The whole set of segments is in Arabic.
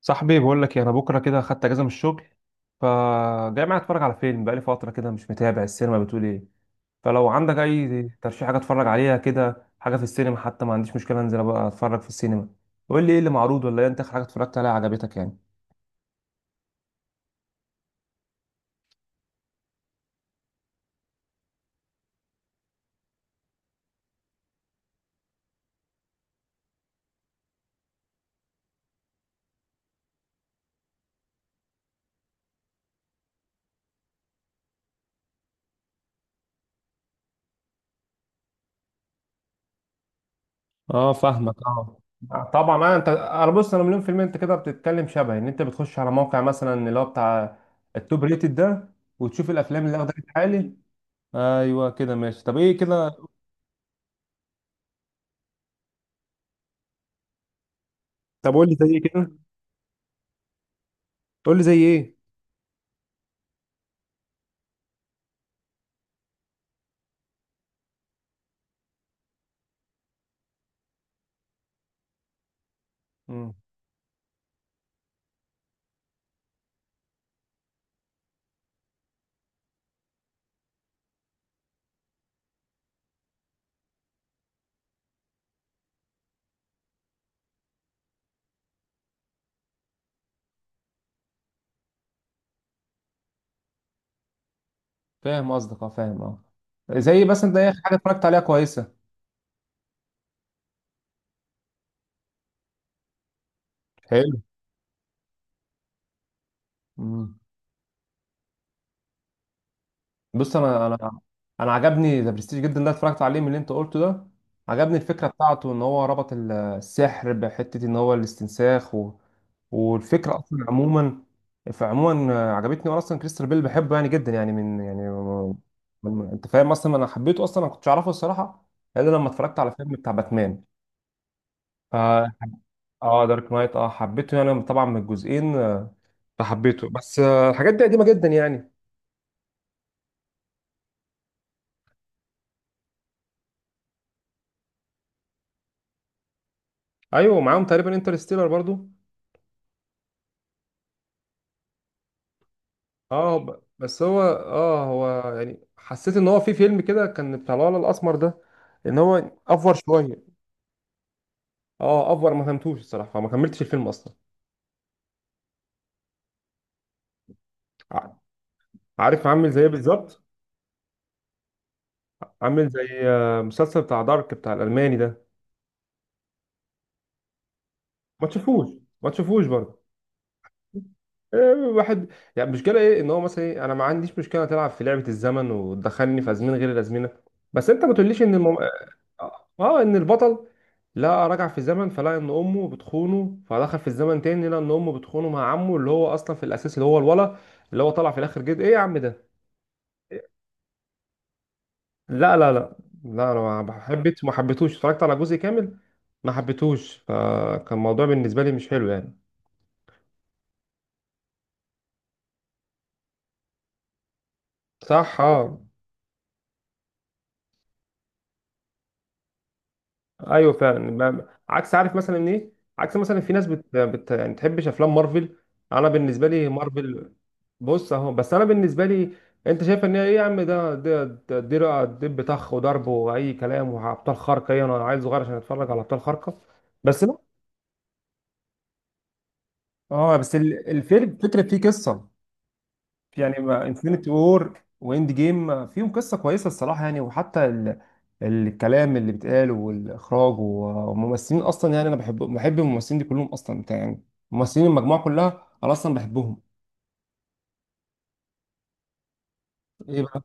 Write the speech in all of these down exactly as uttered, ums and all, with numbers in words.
صاحبي بقول لك إيه، انا بكره كده خدت اجازه من الشغل. فجاي معايا اتفرج على فيلم، بقالي فتره كده مش متابع السينما، بتقول ايه؟ فلو عندك اي ترشيح حاجه اتفرج عليها كده، حاجه في السينما، حتى ما عنديش مشكله انزل بقى اتفرج في السينما. قول لي ايه اللي معروض، ولا إيه، انت آخر حاجه اتفرجت عليها عجبتك يعني؟ اه فاهمك اه. آه، طبعا. انا انت انا بص، انا مليون في المية. انت كده بتتكلم شبه ان انت بتخش على موقع مثلا اللي هو بتاع التوب ريتد ده، وتشوف الافلام اللي واخدة ريت عالي. ايوه كده، ماشي. طب ايه كده؟ طب قول لي زي ايه كده. قول لي زي ايه. فاهم قصدك اه، فاهم اه. زي مثلا ده اخر حاجه اتفرجت عليها كويسه. حلو. مم. بص. انا انا انا عجبني ذا برستيج جدا، ده اتفرجت عليه من اللي انت قلته ده. عجبني الفكره بتاعته، ان هو ربط ال- السحر بحته، ان هو الاستنساخ و... والفكره اصلا عموما. فعموما آه، عجبتني. وانا اصلا كريستال بيل بحبه يعني جدا يعني من يعني من... انت فاهم؟ اصلا انا حبيته، اصلا انا كنتش اعرفه الصراحه، الا لما اتفرجت على فيلم بتاع باتمان. اه. آه، دارك نايت، اه حبيته يعني طبعا من الجزئين آه، فحبيته. بس آه، الحاجات دي قديمه جدا يعني. ايوه، معاهم تقريبا انترستيلر برضو. اه، ب- بس هو اه، هو يعني حسيت ان هو في فيلم كده، كان بتاع الولد الاسمر ده، ان هو افور شويه. اه افور، ما فهمتوش الصراحه، ما كملتش الفيلم اصلا. ع- عارف عامل زي ايه بالظبط؟ عامل زي آه، مسلسل بتاع دارك، بتاع الالماني ده. ما تشوفوش ما تشوفوش برضه. آه، واحد، يعني مشكلة ايه؟ ان هو مثلا ايه، انا ما عنديش مشكلة تلعب في لعبة الزمن وتدخلني في ازمنة غير الازمنة. بس انت ما تقوليش ان المم... اه، آه، ان البطل لقى رجع في الزمن، فلقى ان امه بتخونه، فدخل في الزمن تاني لقى ان امه بتخونه مع عمه اللي هو اصلا في الاساس اللي هو الولا، اللي هو طلع في الاخر جد، ايه يا عم ده! لا، لا، لا، لا، انا ما حبيت ما حبيتهوش، اتفرجت على جزء كامل، ما حبيتهوش، فكان الموضوع بالنسبه لي مش حلو يعني. صح اه. ايوه فعلا، ب- عكس، عارف مثلا ايه؟ عكس مثلا، في ناس بت... بت... يعني تحبش افلام مارفل. انا بالنسبه لي مارفل، بص اهو. بس انا بالنسبه لي، انت شايف ان هي ايه؟ يا عم، ده ده ده ده دب طخ وضرب واي كلام وابطال خارقه. ايه، انا عيل صغير عشان اتفرج على ابطال خارقه؟ بس لا. اه، بس ال- الفيلم فكرة، فيه قصة يعني. انفينيتي وور واند جيم فيهم قصه كويسه الصراحه يعني، وحتى ال... الكلام اللي بيتقال، والاخراج، والممثلين اصلا يعني، انا بحب بحب الممثلين دي كلهم اصلا، بتاع يعني، ممثلين المجموعه كلها انا اصلا بحبهم. ايه بقى؟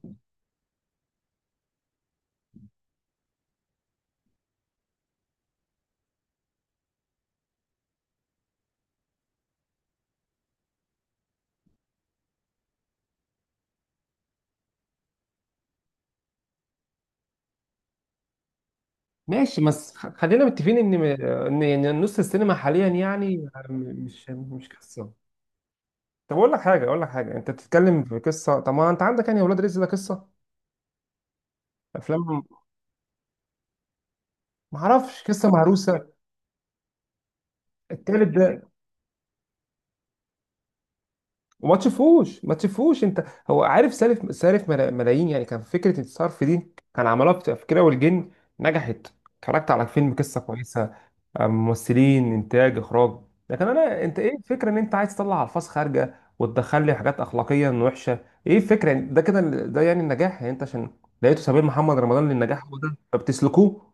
ماشي، بس خ- خلينا متفقين ان ان إن يعني نص السينما حاليا يعني م- مش مش قصه. طب اقول لك حاجه، اقول لك حاجه، انت بتتكلم في قصه، طب ما انت عندك يعني ولاد رزق ده قصه، افلام. ما اعرفش، قصه مهروسه. التالت ده، وما تشوفوش ما تشوفوش انت. هو عارف، سالف سالف ملا- ملايين يعني، كان فكره الصرف دي كان عملوها بت- في كده، والجن نجحت. اتفرجت على فيلم قصه كويسه، آه، ممثلين، انتاج، اخراج، لكن انا، انت ايه الفكره ان انت عايز تطلع الفاظ خارجه وتدخل لي حاجات اخلاقيا وحشه؟ ايه الفكره يعني ده كده؟ ده يعني النجاح يعني؟ انت عشان لقيته سبيل محمد رمضان للنجاح، هو ده فبتسلكوه؟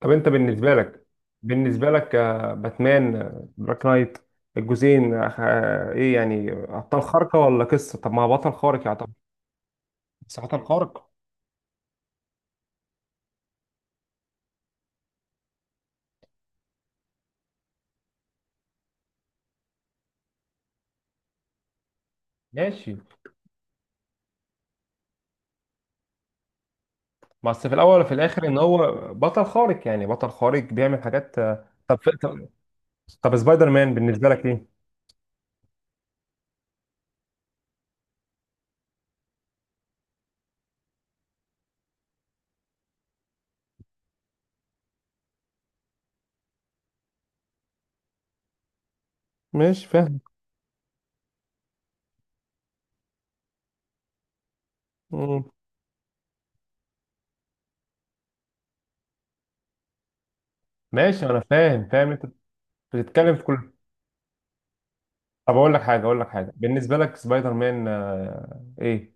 طب انت بالنسبه لك، بالنسبه لك آه، باتمان، آه، دارك نايت، الجزئين آه، ايه يعني، ابطال خارقه ولا قصه؟ طب ما هو بطل خارق يعتبر، بس بطل خارق. ماشي، بس في الاول وفي الاخر ان هو بطل خارق، يعني بطل خارق بيعمل حاجات آه، طب. طب طب سبايدر مان بالنسبه لك ايه؟ ماشي، فاهم. مم. ماشي، انا فاهم، فاهم. انت بتتكلم في كل. طب اقول لك حاجه، اقول لك حاجه، بالنسبه لك سبايدر مان آه، ايه؟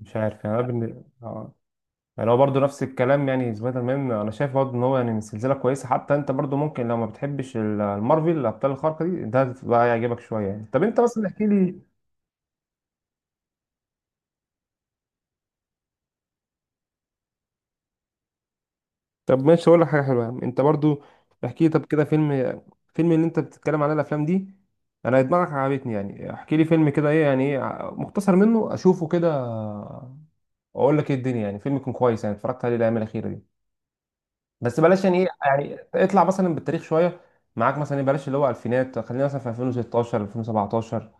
مش عارف يعني، انا بالن... آه. يعني هو برضه نفس الكلام يعني، سبايدر مان انا شايف برضه ان هو يعني من سلسله كويسه، حتى انت برضه ممكن لو ما بتحبش ال- المارفل الابطال الخارقه دي، ده بقى يعجبك شويه يعني. طب انت مثلا احكي لي. طب ماشي، اقول لك حاجه حلوه يا عم. انت برضه احكي لي طب كده فيلم، فيلم اللي انت بتتكلم عليه، الافلام دي، انا دماغك عجبتني يعني. احكي لي فيلم كده، ايه يعني؟ ايه ع- مقتصر منه اشوفه كده؟ اقول لك ايه الدنيا، يعني فيلم يكون كويس يعني، اتفرجت عليه الايام الاخيره دي، بس بلاش يعني ايه، يعني اطلع مثلا بالتاريخ شويه معاك، مثلا إيه، بلاش اللي هو الفينات، خلينا مثلا في ألفين وستاشر ألفين وسبعتاشر.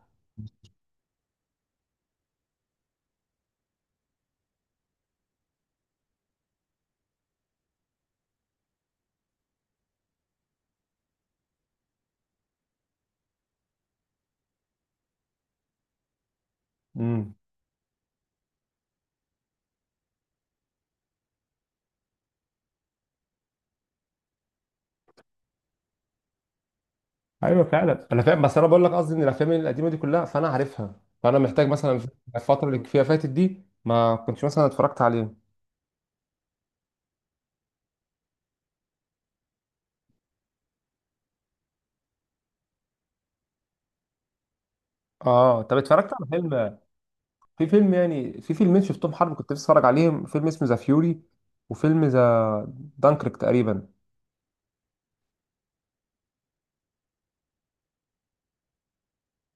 امم، ايوه فعلا، انا فاهم. بس انا بقول لك قصدي، ان الافلام القديمه دي كلها فانا عارفها، فانا محتاج مثلا في الفتره اللي فيها فاتت دي ما كنتش مثلا اتفرجت عليه. اه، طب اتفرجت على فيلم، في فيلم يعني، في فيلمين شفتهم حرب كنت بتفرج عليهم، فيلم اسمه ذا فيوري، وفيلم ذا دانكريك تقريبا.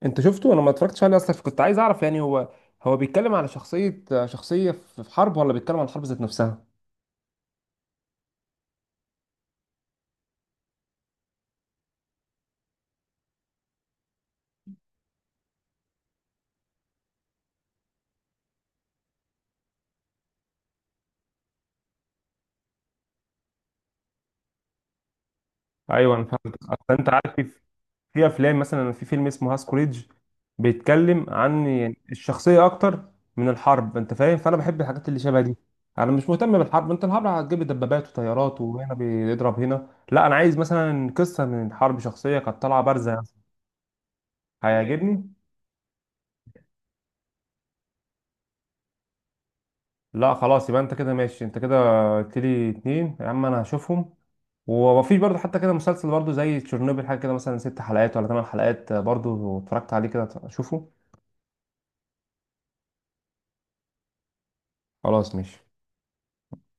انت شفته؟ انا ما اتفرجتش عليه اصلا، فكنت عايز اعرف يعني، هو هو بيتكلم على شخصية شخصية في في حرب، ولا بيتكلم عن الحرب ذات نفسها؟ ايوه انا فهمت. اصل انت عارف، في في افلام مثلا، في فيلم اسمه هاسكوريدج بيتكلم عن يعني الشخصيه اكتر من الحرب، انت فاهم؟ فانا بحب الحاجات اللي شبه دي. انا مش مهتم بالحرب، انت الحرب هتجيب لي دبابات وطيارات وهنا بيضرب هنا، لا، انا عايز مثلا قصه من حرب، شخصيه كانت طالعه بارزه يعني. هيعجبني؟ لا خلاص، يبقى انت كده ماشي. انت كده قلت لي اتنين يا عم، انا هشوفهم. ومفيش برضه حتى كده مسلسل برضه زي تشيرنوبل، حاجة كده مثلا ست حلقات ولا ثمان حلقات آه، برضه اتفرجت عليه كده شوفه. خلاص ماشي.